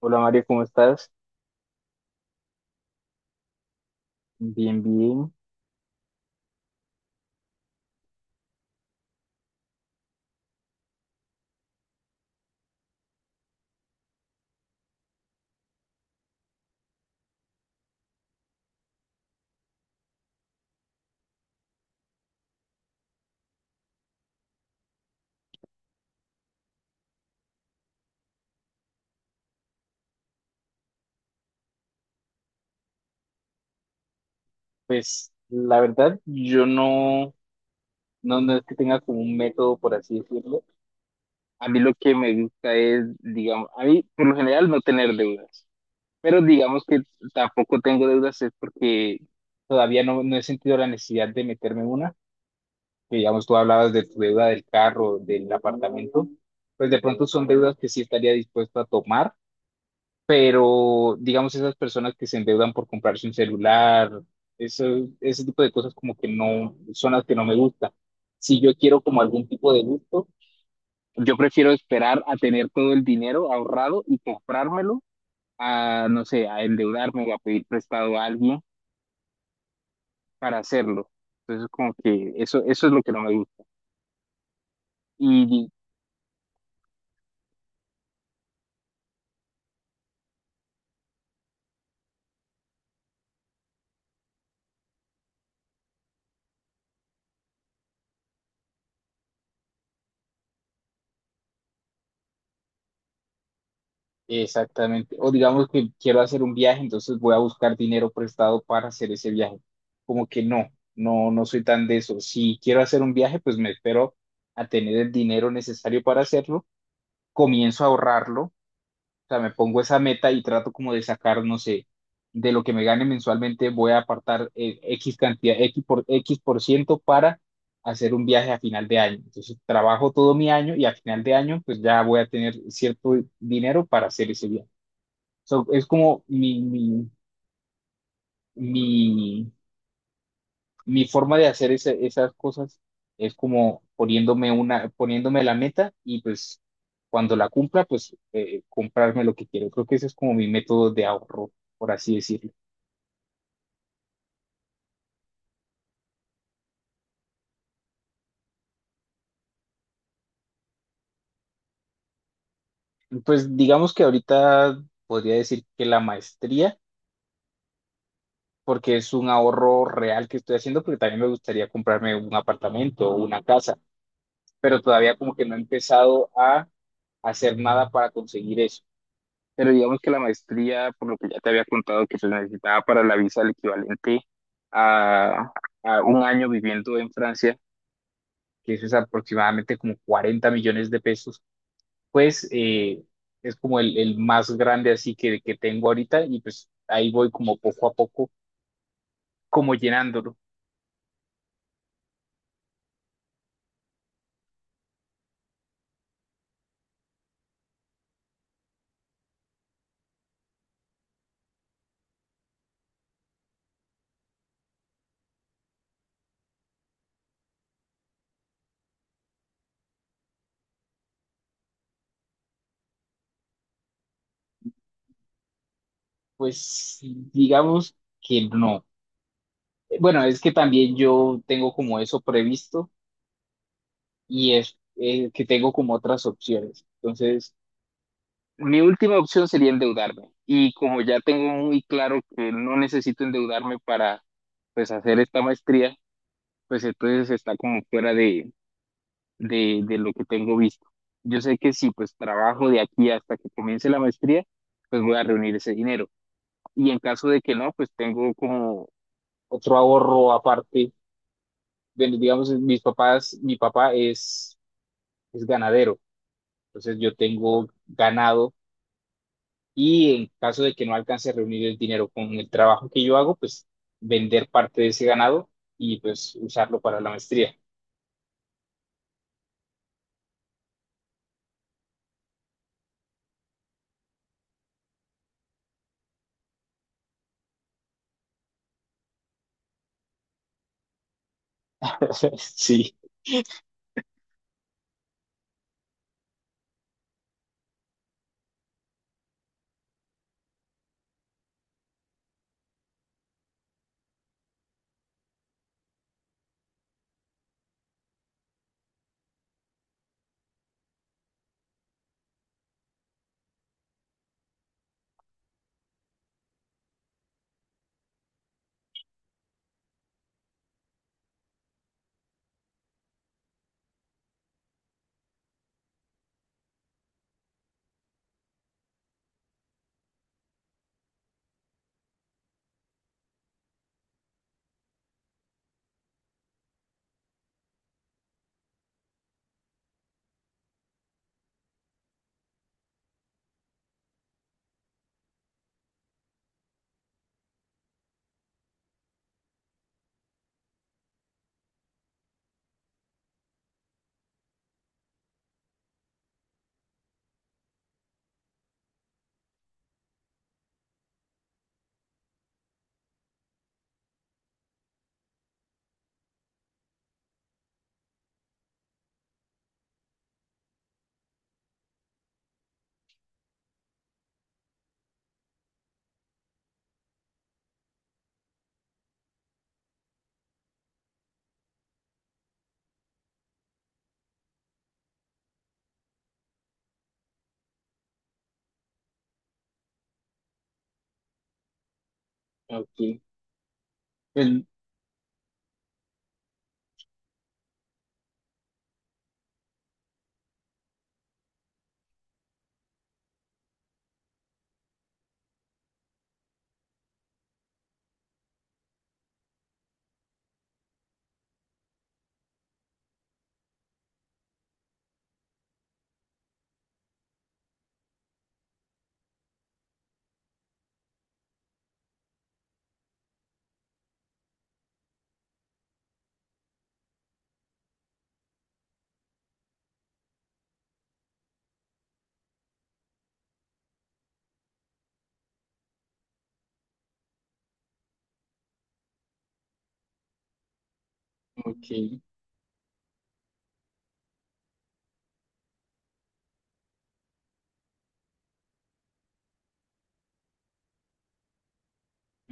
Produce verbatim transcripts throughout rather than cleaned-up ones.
Hola Mario, ¿cómo estás? Bien, bien. Pues la verdad, yo no, no, no es que tenga como un método, por así decirlo. A mí lo que me gusta es, digamos, a mí por lo general no tener deudas, pero digamos que tampoco tengo deudas es porque todavía no, no he sentido la necesidad de meterme en una. Que, Digamos, tú hablabas de tu deuda del carro, del apartamento, pues de pronto son deudas que sí estaría dispuesto a tomar, pero digamos esas personas que se endeudan por comprarse un celular, eso, ese tipo de cosas como que no son las que no me gustan. Si yo quiero como algún tipo de gusto, yo prefiero esperar a tener todo el dinero ahorrado y comprármelo, a no sé, a endeudarme o a pedir prestado a alguien para hacerlo. Entonces como que eso, eso es lo que no me gusta. Y Exactamente. O digamos que quiero hacer un viaje, entonces voy a buscar dinero prestado para hacer ese viaje. Como que no, no, no soy tan de eso. Si quiero hacer un viaje, pues me espero a tener el dinero necesario para hacerlo, comienzo a ahorrarlo, o sea, me pongo esa meta y trato como de sacar, no sé, de lo que me gane mensualmente, voy a apartar eh, X cantidad, X por, X por ciento para hacer un viaje a final de año. Entonces trabajo todo mi año y a final de año, pues ya voy a tener cierto dinero para hacer ese viaje. So, es como mi, mi, mi, mi forma de hacer ese- esas cosas es como poniéndome una, poniéndome la meta y pues cuando la cumpla, pues eh, comprarme lo que quiero. Creo que ese es como mi método de ahorro, por así decirlo. Pues digamos que ahorita podría decir que la maestría, porque es un ahorro real que estoy haciendo, porque también me gustaría comprarme un apartamento o una casa, pero todavía como que no he empezado a hacer nada para conseguir eso. Pero digamos que la maestría, por lo que ya te había contado, que se necesitaba para la visa el equivalente a, a un año viviendo en Francia, que eso es aproximadamente como cuarenta millones de pesos, pues eh, es como el, el más grande así que, que tengo ahorita y pues ahí voy como poco a poco, como llenándolo. Pues sí, digamos que no. Bueno, es que también yo tengo como eso previsto y es eh, que tengo como otras opciones. Entonces... Mi última opción sería endeudarme. Y como ya tengo muy claro que no necesito endeudarme para, pues, hacer esta maestría, pues entonces está como fuera de, de, de lo que tengo visto. Yo sé que si pues trabajo de aquí hasta que comience la maestría, pues voy a reunir ese dinero. Y en caso de que no, pues tengo como otro ahorro aparte. Bueno, digamos, mis papás, mi papá es, es ganadero, entonces yo tengo ganado. Y en caso de que no alcance a reunir el dinero con el trabajo que yo hago, pues vender parte de ese ganado y pues usarlo para la maestría. Sí, ok. Pues, ok,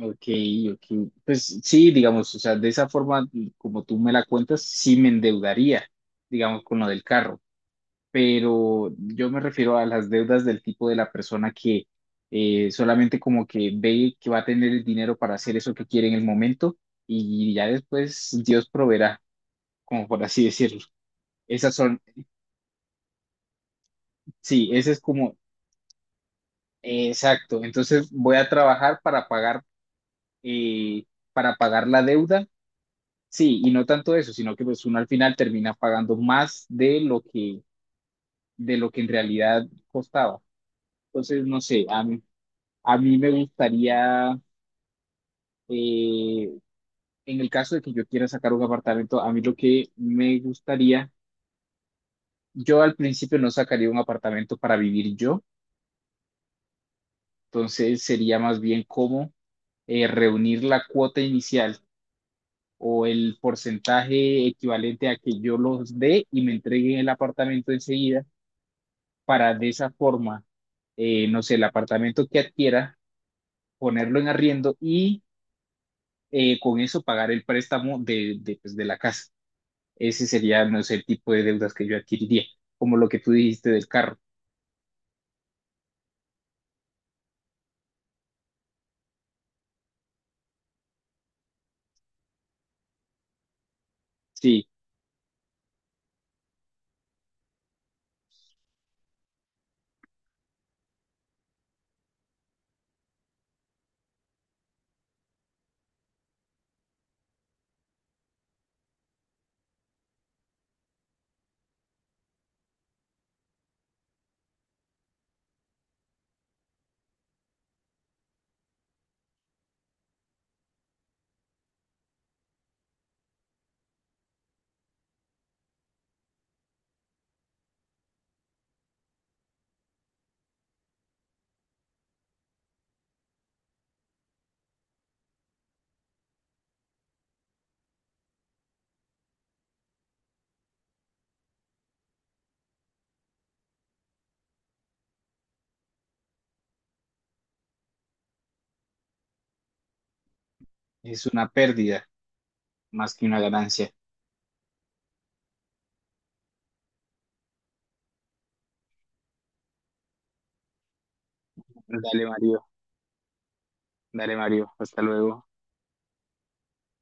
ok, ok. Pues sí, digamos, o sea, de esa forma, como tú me la cuentas, sí me endeudaría, digamos, con lo del carro. Pero yo me refiero a las deudas del tipo de la persona que eh, solamente como que ve que va a tener el dinero para hacer eso que quiere en el momento y ya después Dios proveerá, como por así decirlo. Esas son, sí, ese es como, eh, exacto. Entonces voy a trabajar para pagar, eh, para pagar la deuda, sí, y no tanto eso, sino que pues uno al final termina pagando más de lo que, de lo que en realidad costaba. Entonces, no sé, a mí, a mí me gustaría Eh, en el caso de que yo quiera sacar un apartamento, a mí lo que me gustaría, yo al principio no sacaría un apartamento para vivir yo, entonces sería más bien como eh, reunir la cuota inicial o el porcentaje equivalente a que yo los dé y me entreguen el apartamento enseguida para de esa forma, eh, no sé, el apartamento que adquiera, ponerlo en arriendo y eh, con eso pagar el préstamo de, de, pues, de la casa. Ese sería, no sé, el tipo de deudas que yo adquiriría, como lo que tú dijiste del carro. Sí, es una pérdida más que una ganancia. Dale, Mario, dale, Mario, hasta luego.